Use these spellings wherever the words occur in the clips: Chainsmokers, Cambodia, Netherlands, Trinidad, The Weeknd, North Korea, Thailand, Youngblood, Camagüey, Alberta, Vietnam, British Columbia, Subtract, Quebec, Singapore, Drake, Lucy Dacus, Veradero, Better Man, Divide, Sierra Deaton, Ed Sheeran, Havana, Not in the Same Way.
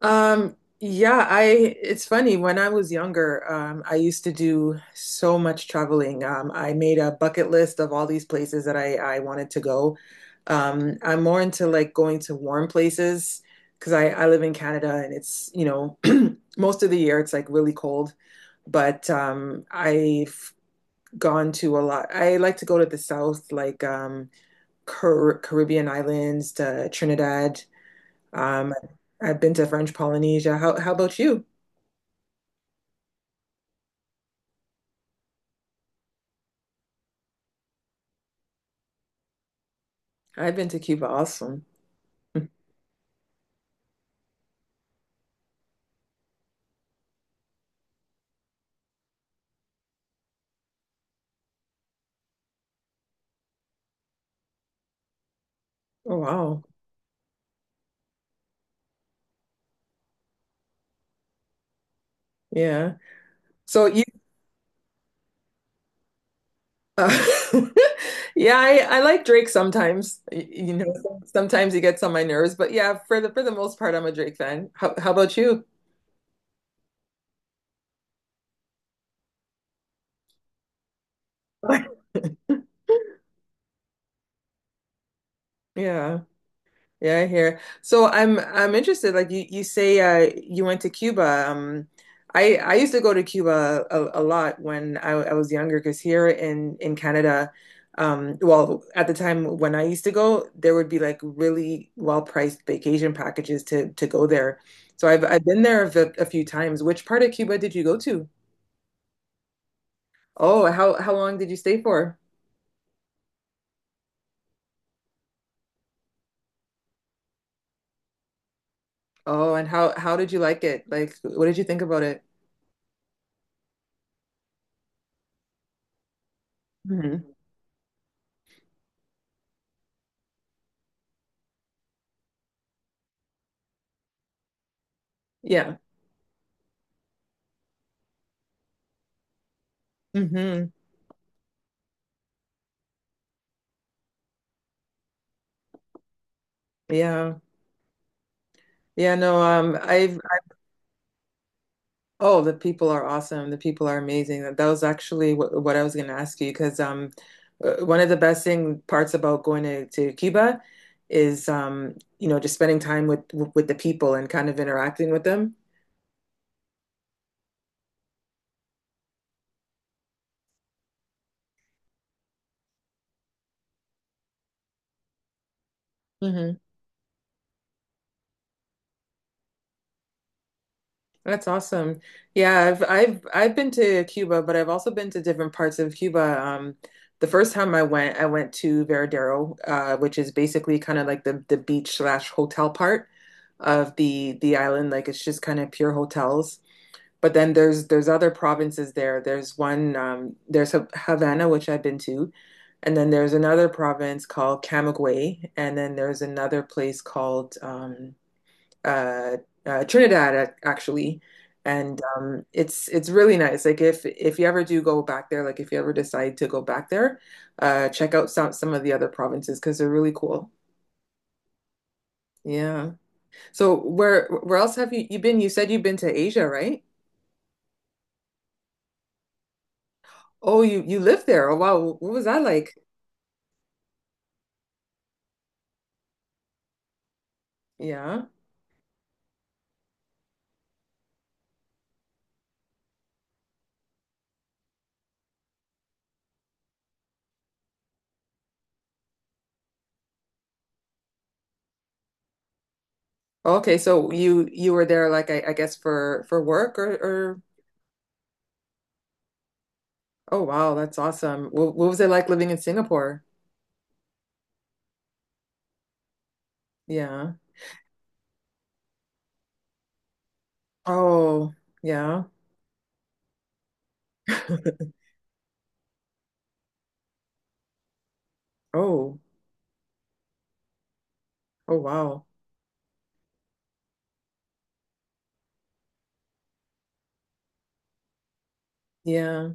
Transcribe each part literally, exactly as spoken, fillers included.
Um, yeah, I it's funny. When I was younger, um, I used to do so much traveling. Um, I made a bucket list of all these places that I I wanted to go. Um, I'm more into like going to warm places because I I live in Canada and it's, you know, most of the year it's like really cold, but um I've gone to a lot. I like to go to the south like um Car Caribbean islands to Trinidad. Um, I've been to French Polynesia. How how about you? I've been to Cuba also. Oh wow. Yeah. So you Uh, yeah, I, I like Drake sometimes. Y- You know, some- sometimes he gets on my nerves, but yeah, for the for the most part, I'm a Drake fan. How, how about you? Yeah. Yeah, I hear. So I'm I'm interested. Like you, you say uh, you went to Cuba. Um, I I used to go to Cuba a, a lot when I, I was younger because here in in Canada, um, well, at the time when I used to go, there would be like really well-priced vacation packages to to go there. So I've I've been there a, v- a few times. Which part of Cuba did you go to? Oh, how how long did you stay for? Oh, and how how did you like it? Like, what did you think about it? hmm Yeah. hmm Yeah. Yeah, no, um, I've oh, the people are awesome. The people are amazing. That that was actually what, what I was going to ask you because um, uh, one of the best thing parts about going to, to Cuba is um, you know, just spending time with with the people and kind of interacting with them. That's awesome. Yeah, I've I've I've been to Cuba, but I've also been to different parts of Cuba. Um, the first time I went, I went to Veradero, uh, which is basically kind of like the the beach slash hotel part of the the island. Like it's just kind of pure hotels. But then there's there's other provinces there. There's one um, there's Ha- Havana, which I've been to, and then there's another province called Camagüey, and then there's another place called um, uh, uh, Trinidad ac- actually, and um, it's it's really nice. Like if if you ever do go back there, like if you ever decide to go back there, uh, check out some some of the other provinces because they're really cool. Yeah. So where where else have you you been? You said you've been to Asia, right? Oh, you you lived there. Oh wow, what was that like? Yeah. Okay, so you you were there like I, I guess for for work or or oh wow, that's awesome. What, what was it like living in Singapore? Yeah. Oh, yeah. Oh, oh wow. Yeah.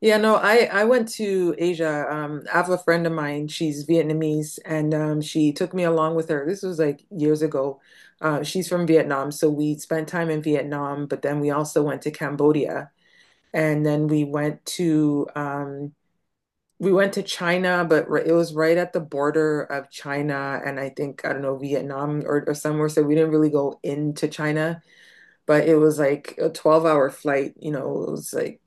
Yeah, no, I I went to Asia. Um, I have a friend of mine, she's Vietnamese, and um she took me along with her. This was like years ago. Uh, she's from Vietnam, so we spent time in Vietnam, but then we also went to Cambodia, and then we went to um we went to China, but ri- it was right at the border of China and I think I don't know Vietnam or, or somewhere, so we didn't really go into China. But it was like a twelve hour flight, you know, it was like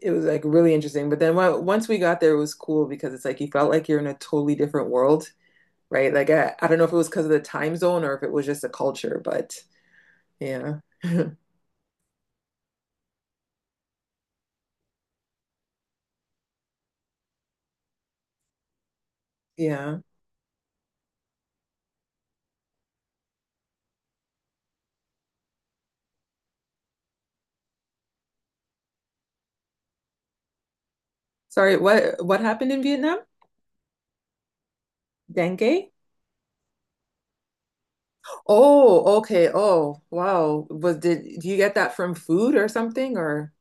it was like really interesting. But then when, once we got there, it was cool because it's like you felt like you're in a totally different world, right? Like I, I don't know if it was because of the time zone or if it was just the culture, but yeah. Yeah. Sorry, what what happened in Vietnam? Dengue? Oh, okay. Oh, wow. Was did do you get that from food or something or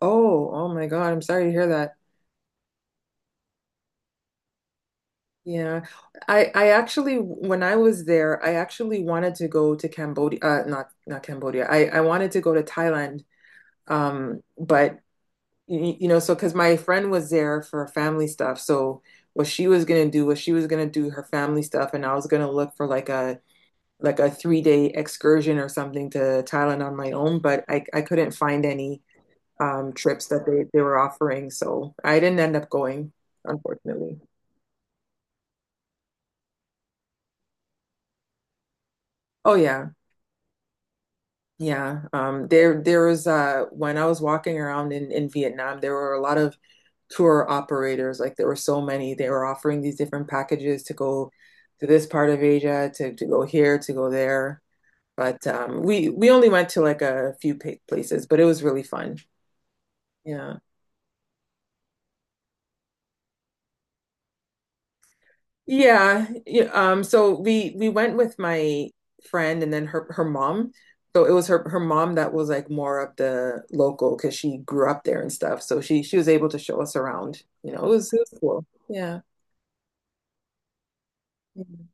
oh, oh my God, I'm sorry to hear that. Yeah, I I actually when I was there, I actually wanted to go to Cambodia, uh, not not Cambodia. I I wanted to go to Thailand, um, but y- you know, so because my friend was there for family stuff, so what she was gonna do was she was gonna do her family stuff, and I was gonna look for like a like a three day excursion or something to Thailand on my own, but I I couldn't find any um trips that they they were offering, so I didn't end up going, unfortunately. Oh yeah. Yeah, um, there there was uh, when I was walking around in, in Vietnam, there were a lot of tour operators. Like there were so many. They were offering these different packages to go to this part of Asia, to, to go here, to go there. But um, we we only went to like a few pa- places, but it was really fun. Yeah. Yeah, yeah, um, so we we went with my friend and then her her mom. So it was her her mom that was like more of the local because she grew up there and stuff. So she she was able to show us around. You know, it was, it was cool. Yeah. Mhm.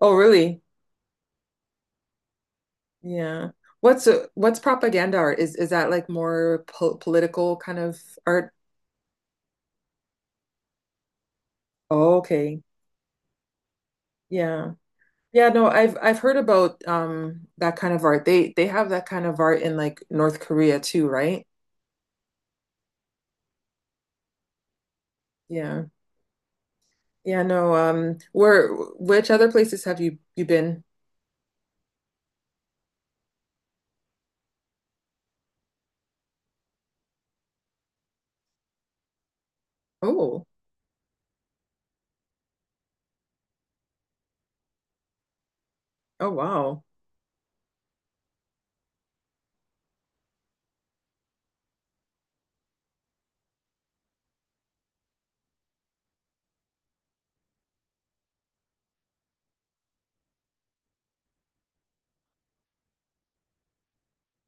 Oh, really? Yeah. What's uh, what's propaganda art? Is is that like more po political kind of art? Oh, okay. Yeah. Yeah, no, I've I've heard about um that kind of art. They they have that kind of art in like North Korea too, right? Yeah. Yeah, no, um, where which other places have you you been? Oh, oh wow.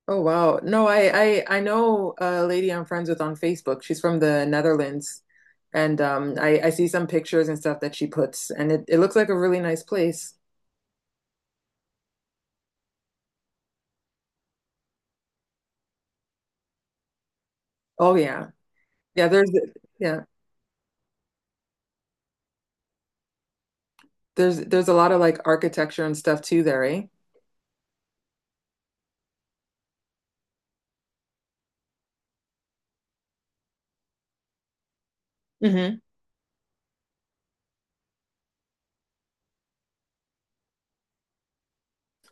Oh wow. No, I I I know a lady I'm friends with on Facebook. She's from the Netherlands. And um I I see some pictures and stuff that she puts and it it looks like a really nice place. Oh yeah. Yeah, there's yeah. There's there's a lot of like architecture and stuff too there, eh? Mm-hmm.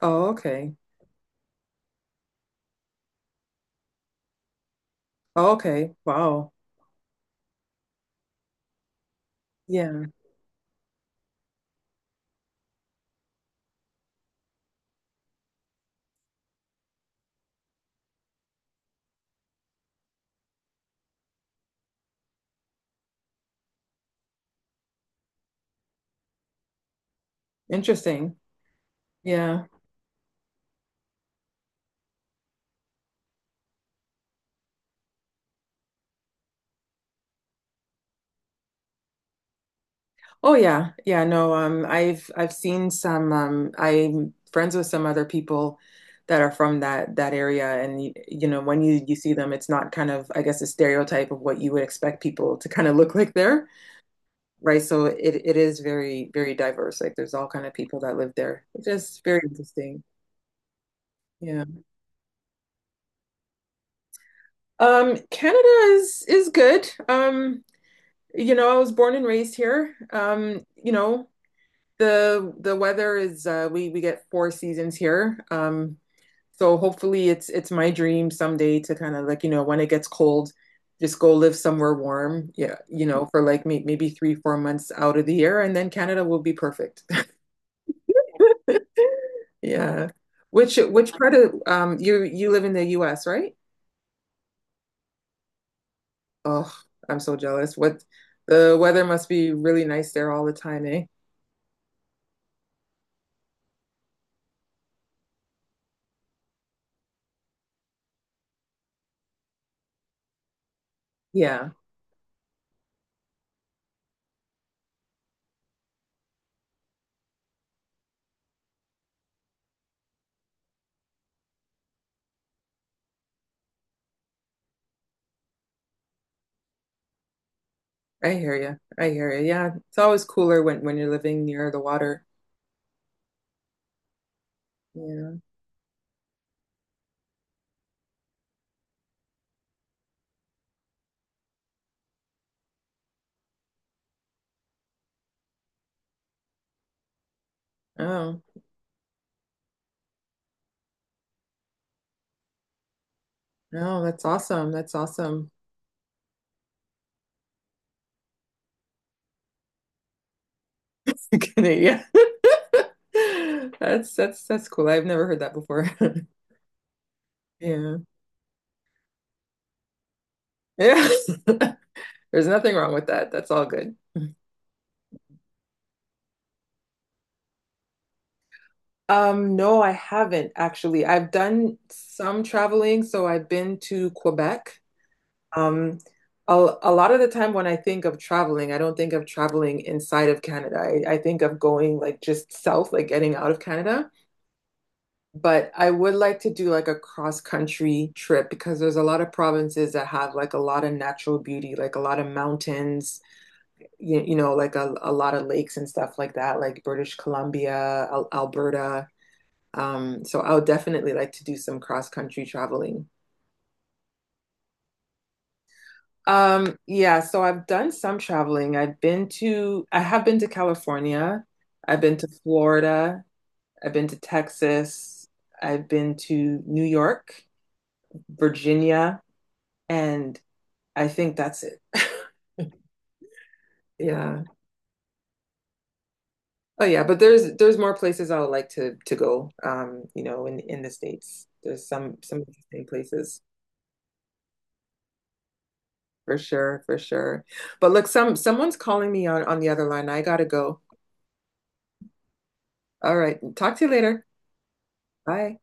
Oh, okay. Oh, okay. Wow. Yeah. Interesting. Yeah. Oh yeah, yeah, no, um, I've I've seen some um I'm friends with some other people that are from that that area and you, you know when you you see them it's not kind of I guess a stereotype of what you would expect people to kind of look like there, right? So it it is very very diverse. Like there's all kind of people that live there, which is very interesting. Yeah. Um, Canada is is good. Um, you know, I was born and raised here. Um, you know, The the weather is uh we we get four seasons here. Um so hopefully it's it's my dream someday to kind of like, you know, when it gets cold, just go live somewhere warm. Yeah, you know, for like may, maybe three, four months out of the year and then Canada will be perfect. Yeah. Which which part of um you you live in the U S, right? Oh, I'm so jealous. What the weather must be really nice there all the time, eh? Yeah, I hear you. I hear you. Yeah, it's always cooler when when you're living near the water. Yeah. Oh, no, that's awesome. That's awesome. Yeah. That's that's that's cool. I've never heard that before. Yeah. Yeah. There's nothing wrong with that. That's all good. Um, no, I haven't actually. I've done some traveling, so I've been to Quebec. Um, a, a lot of the time when I think of traveling, I don't think of traveling inside of Canada. I, I think of going like just south, like getting out of Canada. But I would like to do like a cross-country trip because there's a lot of provinces that have like a lot of natural beauty, like a lot of mountains, you, you know, like a, a lot of lakes and stuff like that, like British Columbia, Al Alberta. Um, so I would definitely like to do some cross-country traveling. Um, yeah, so I've done some traveling. I've been to, I have been to California. I've been to Florida. I've been to Texas. I've been to New York, Virginia, and I think that's it. Yeah. Oh yeah, but there's there's more places I would like to to go. Um, you know, in in the States. There's some some interesting places for sure, for sure. But look, some someone's calling me on on the other line. I gotta go. All right. Talk to you later. Bye.